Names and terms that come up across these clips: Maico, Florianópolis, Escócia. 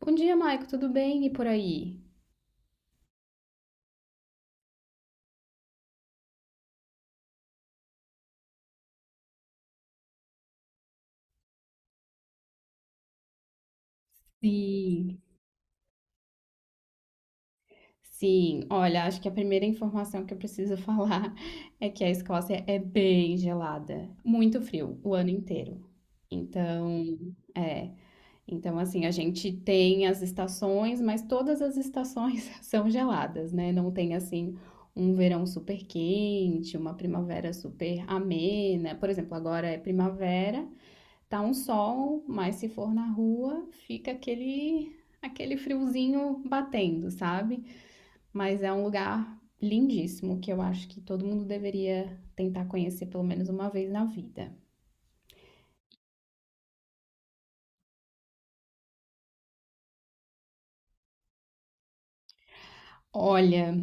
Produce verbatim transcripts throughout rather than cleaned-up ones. Bom dia, Maico, tudo bem? E por aí? Sim, sim. Olha, acho que a primeira informação que eu preciso falar é que a Escócia é bem gelada, muito frio o ano inteiro. Então, é, então assim, a gente tem as estações, mas todas as estações são geladas, né? Não tem assim um verão super quente, uma primavera super amena. Por exemplo, agora é primavera. Tá um sol, mas se for na rua, fica aquele aquele friozinho batendo, sabe? Mas é um lugar lindíssimo que eu acho que todo mundo deveria tentar conhecer pelo menos uma vez na vida. Olha,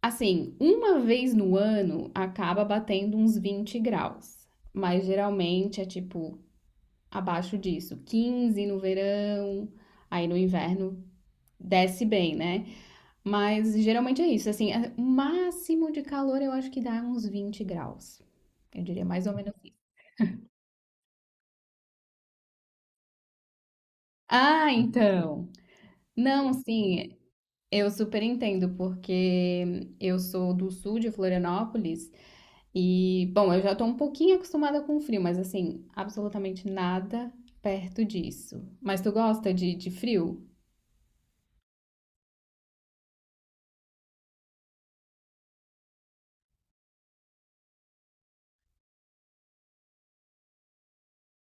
assim, uma vez no ano acaba batendo uns vinte graus, mas geralmente é tipo abaixo disso, quinze no verão, aí no inverno desce bem, né? Mas geralmente é isso, assim, é, o máximo de calor eu acho que dá uns vinte graus. Eu diria mais ou menos isso. Ah, então. Não, sim, eu super entendo, porque eu sou do sul de Florianópolis e, bom, eu já tô um pouquinho acostumada com o frio, mas assim, absolutamente nada perto disso. Mas tu gosta de, de frio?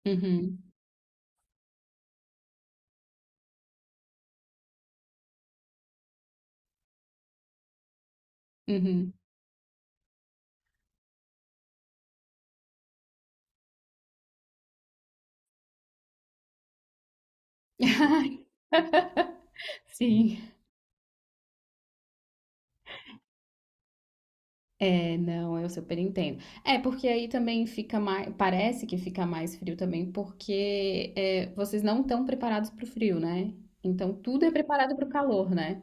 Uhum, uhum. Sim. É, não, eu super entendo. É, porque aí também fica mais, parece que fica mais frio também, porque é, vocês não estão preparados para o frio, né? Então tudo é preparado para o calor, né?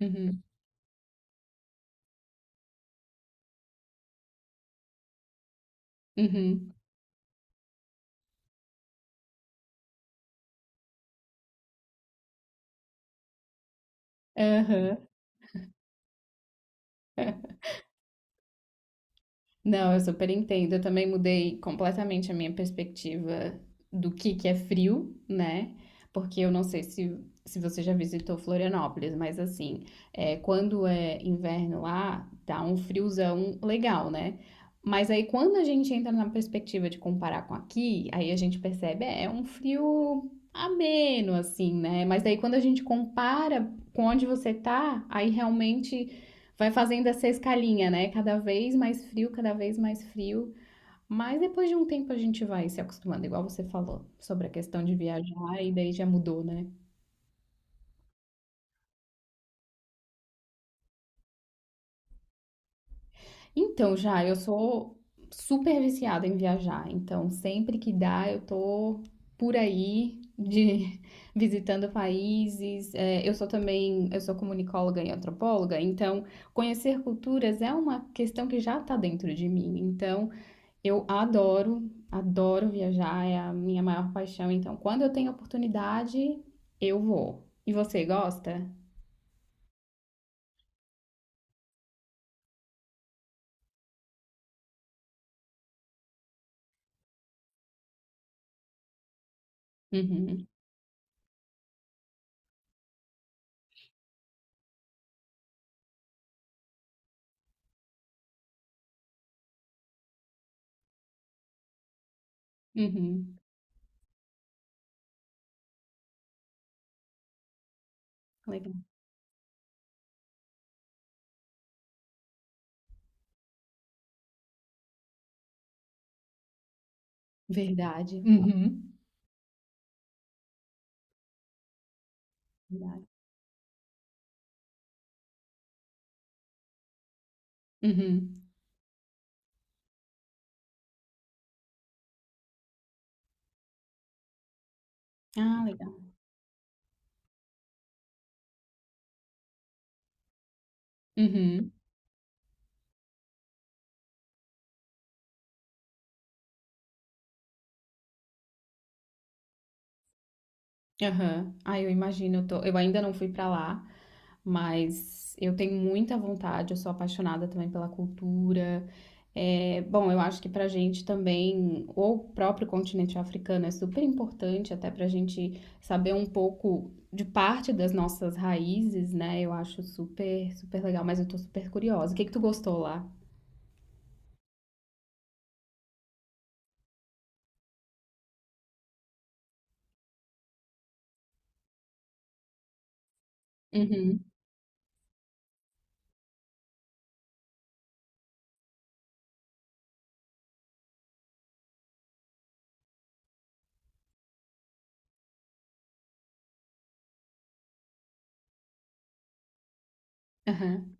Uhum, uhum, aham. Não, eu super entendo. Eu também mudei completamente a minha perspectiva do que que é frio, né? Porque eu não sei se, se você já visitou Florianópolis, mas assim, é, quando é inverno lá, dá um friozão legal, né? Mas aí quando a gente entra na perspectiva de comparar com aqui, aí a gente percebe, é, é um frio ameno, assim, né? Mas daí quando a gente compara com onde você tá, aí realmente vai fazendo essa escalinha, né? Cada vez mais frio, cada vez mais frio. Mas depois de um tempo a gente vai se acostumando, igual você falou, sobre a questão de viajar, e daí já mudou, né? Então, já, eu sou super viciada em viajar, então sempre que dá eu tô por aí, de, visitando países. É, eu sou também, eu sou comunicóloga e antropóloga, então conhecer culturas é uma questão que já tá dentro de mim. Então, eu adoro, adoro viajar, é a minha maior paixão. Então, quando eu tenho oportunidade, eu vou. E você gosta? Uhum, uhum. Legal. Verdade. Uhum. Verdade. Uhum. Ah, legal. Uhum. Aham. Ah, eu imagino, eu tô, eu ainda não fui pra lá, mas eu tenho muita vontade, eu sou apaixonada também pela cultura. É, bom, eu acho que pra gente também, o próprio continente africano é super importante, até pra gente saber um pouco de parte das nossas raízes, né? Eu acho super, super legal, mas eu tô super curiosa. O que que tu gostou lá? Uhum. Aham.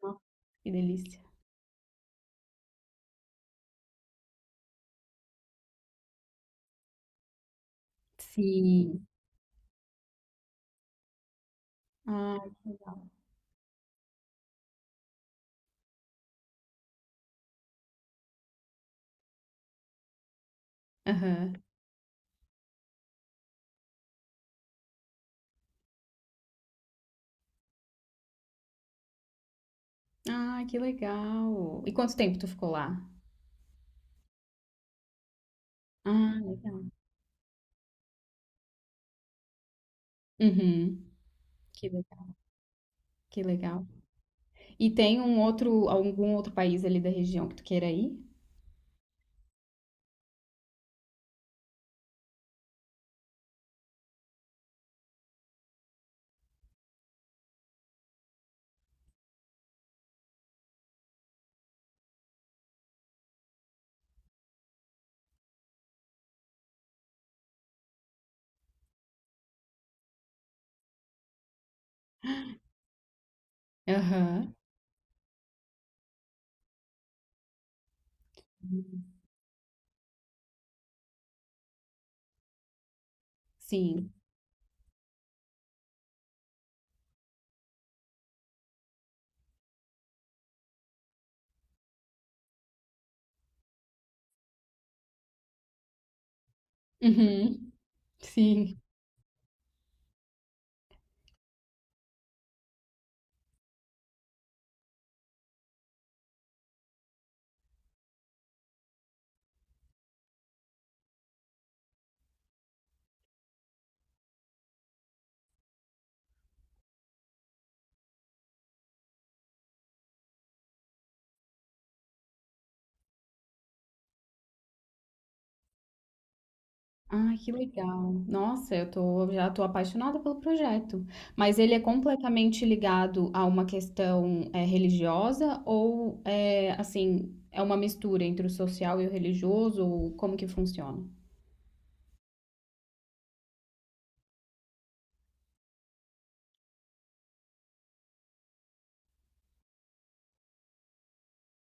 Nossa, que delícia. Sim. Ah, que legal. Aham. Ah, que legal. E quanto tempo tu ficou lá? Ah, legal. Uhum. Que legal, que legal. E tem um outro, algum outro país ali da região que tu queira ir? Aham. Sim. Uhum. Sim. Ah, que legal. Nossa, eu tô, já tô apaixonada pelo projeto. Mas ele é completamente ligado a uma questão é, religiosa ou é assim, é uma mistura entre o social e o religioso? Ou como que funciona?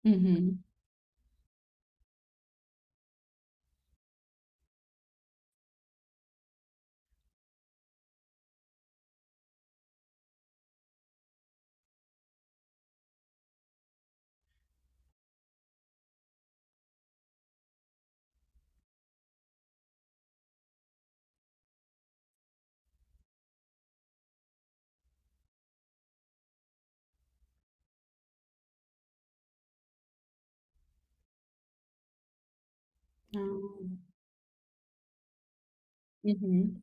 Uhum. Ah, uhum.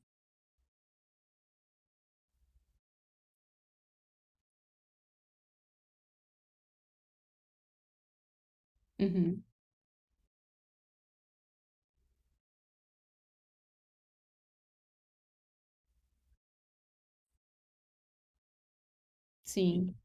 Uhum, sim.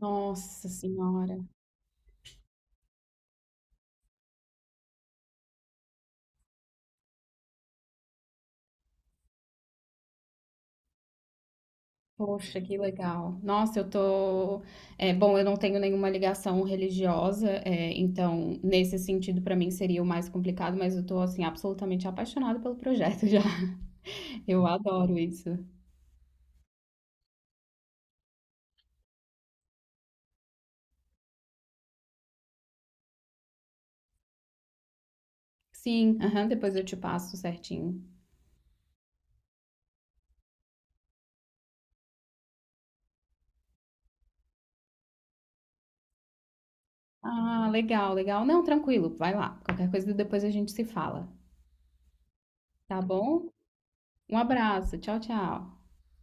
Nossa senhora. Poxa, que legal. Nossa, eu tô. É, bom, eu não tenho nenhuma ligação religiosa, é, então nesse sentido para mim seria o mais complicado, mas eu tô assim absolutamente apaixonada pelo projeto já. Eu adoro isso. Sim, aham, depois eu te passo certinho. Ah, legal, legal. Não, tranquilo, vai lá. Qualquer coisa depois a gente se fala, tá bom? Um abraço, tchau, tchau.